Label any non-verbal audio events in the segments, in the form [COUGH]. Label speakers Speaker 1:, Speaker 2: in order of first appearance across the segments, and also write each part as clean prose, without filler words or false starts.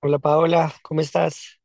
Speaker 1: Hola Paola, ¿cómo estás?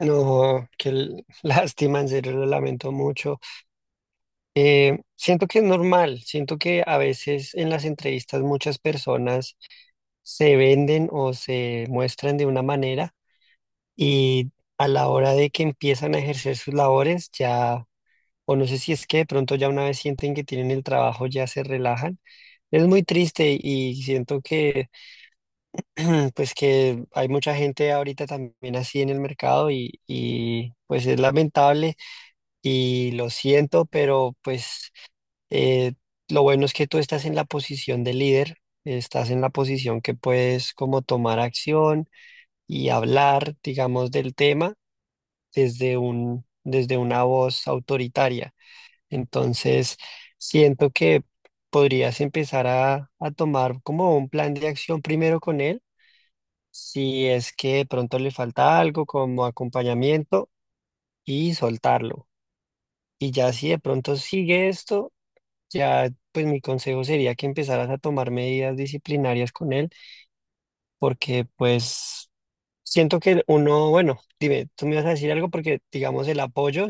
Speaker 1: No, [LAUGHS] lástima, en serio lo lamento mucho. Siento que es normal, siento que a veces en las entrevistas muchas personas se venden o se muestran de una manera y a la hora de que empiezan a ejercer sus labores ya, o no sé si es que de pronto ya una vez sienten que tienen el trabajo ya se relajan. Es muy triste y siento que [CLEARS THROAT] pues que hay mucha gente ahorita también así en el mercado y pues es lamentable y lo siento, pero pues eh, lo bueno es que tú estás en la posición de líder, estás en la posición que puedes como tomar acción y hablar, digamos, del tema desde una voz autoritaria. Entonces, siento que podrías empezar a tomar como un plan de acción primero con él si es que de pronto le falta algo como acompañamiento y soltarlo. Y ya si de pronto sigue esto, ya pues mi consejo sería que empezaras a tomar medidas disciplinarias con él, porque pues siento que uno, bueno, dime, tú me vas a decir algo porque digamos el apoyo,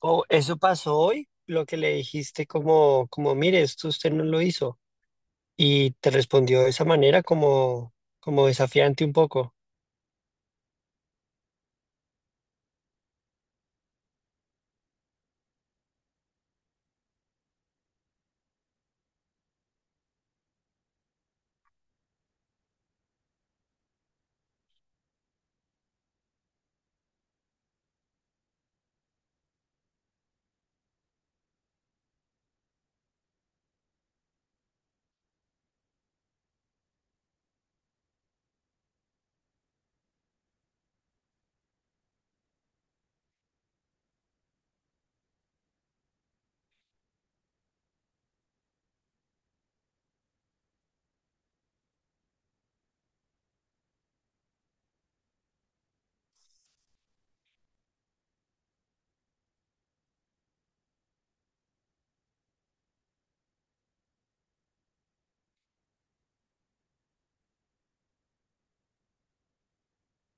Speaker 1: o eso pasó hoy, lo que le dijiste como, como, mire, esto usted no lo hizo. Y te respondió de esa manera como, como desafiante un poco.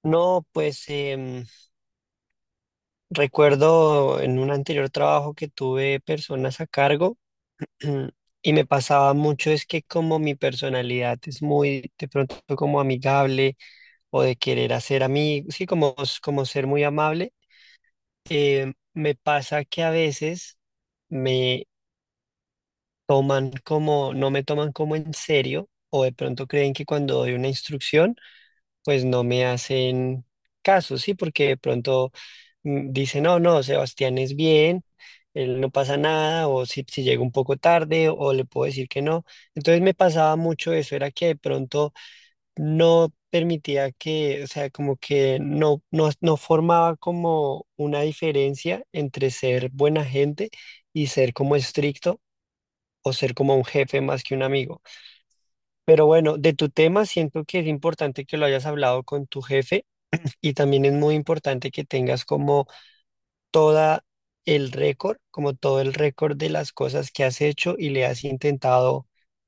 Speaker 1: No, pues... recuerdo en un anterior trabajo que tuve personas a cargo [CLEARS THROAT] y me pasaba mucho es que como mi personalidad es muy de pronto como amigable o de querer hacer amigos, sí, como, como ser muy amable, me pasa que a veces me toman como, no me toman como en serio o de pronto creen que cuando doy una instrucción pues no me hacen caso, ¿sí? Porque de pronto dicen, no, no, Sebastián es bien, él no pasa nada, o si, si llega un poco tarde, o le puedo decir que no. Entonces me pasaba mucho eso, era que de pronto no permitía que, o sea, como que no no formaba como una diferencia entre ser buena gente y ser como estricto, o ser como un jefe más que un amigo. Pero bueno, de tu tema siento que es importante que lo hayas hablado con tu jefe y también es muy importante que tengas como toda el récord, como todo el récord de las cosas que has hecho y le has intentado,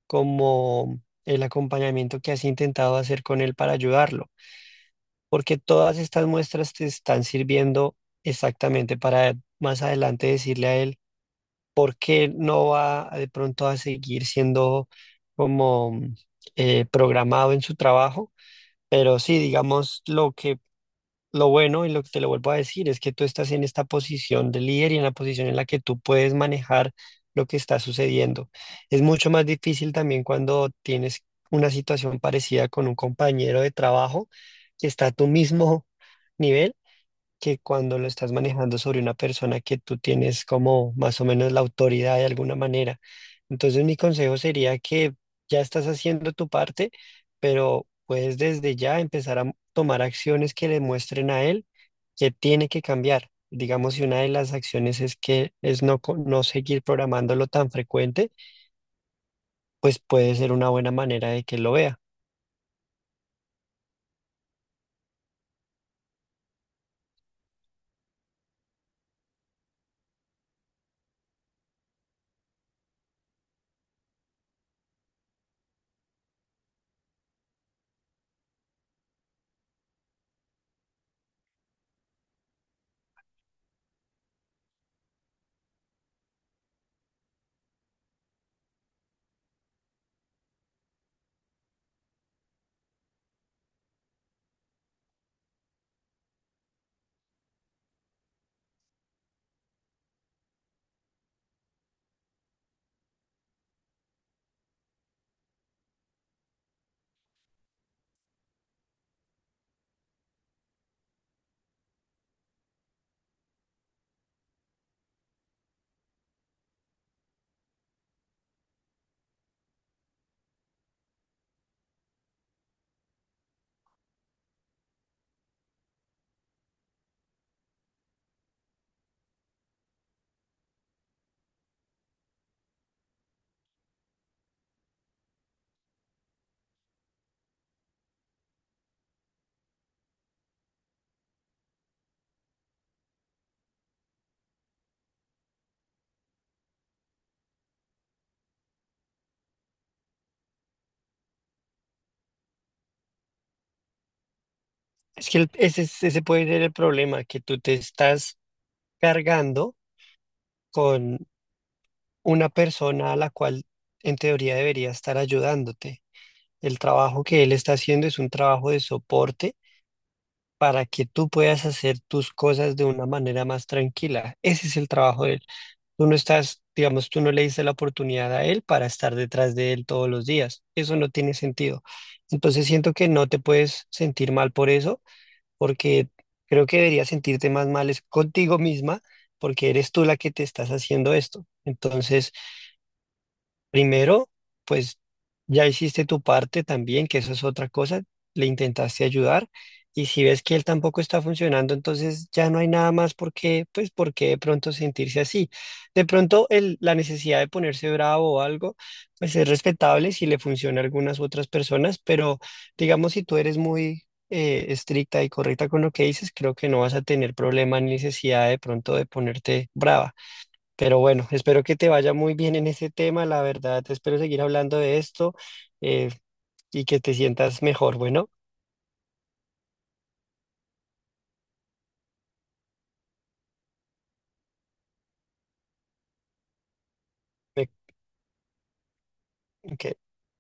Speaker 1: como el acompañamiento que has intentado hacer con él para ayudarlo, porque todas estas muestras te están sirviendo exactamente para más adelante decirle a él por qué no va de pronto a seguir siendo como programado en su trabajo. Pero sí, digamos, lo que lo bueno, y lo que te lo vuelvo a decir, es que tú estás en esta posición de líder y en la posición en la que tú puedes manejar lo que está sucediendo. Es mucho más difícil también cuando tienes una situación parecida con un compañero de trabajo que está a tu mismo [LAUGHS] nivel que cuando lo estás manejando sobre una persona que tú tienes como más o menos la autoridad de alguna manera. Entonces mi consejo sería que ya estás haciendo tu parte, pero puedes desde ya empezar a tomar acciones que le muestren a él que tiene que cambiar. Digamos, si una de las acciones es que es no, no seguir programándolo tan frecuente, pues puede ser una buena manera de que lo vea. Es que ese puede ser el problema, que tú te estás cargando una persona a la cual en teoría debería estar ayudándote. El trabajo que él está haciendo es un trabajo de soporte para que tú puedas hacer tus cosas de una manera más tranquila. Ese es el trabajo de él. Tú no estás, digamos, tú no le diste la oportunidad a él para estar detrás de él todos los días. Eso no tiene sentido. Entonces siento que no te puedes sentir mal por eso, porque creo que deberías sentirte más mal es contigo misma, porque eres tú la que te estás haciendo esto. Entonces... primero, pues ya hiciste tu parte también, que eso es otra cosa, le intentaste ayudar y si ves que él tampoco está funcionando, entonces ya no hay nada más por qué, pues por qué de pronto sentirse así. De pronto la necesidad de ponerse bravo o algo, pues es respetable si le funciona a algunas otras personas, pero digamos si tú eres muy estricta y correcta con lo que dices, creo que no vas a tener problema ni necesidad de pronto de ponerte brava. Pero bueno, espero que te vaya muy bien en ese tema, la verdad, espero seguir hablando de esto, eh, y que te sientas mejor. Bueno, me- ok.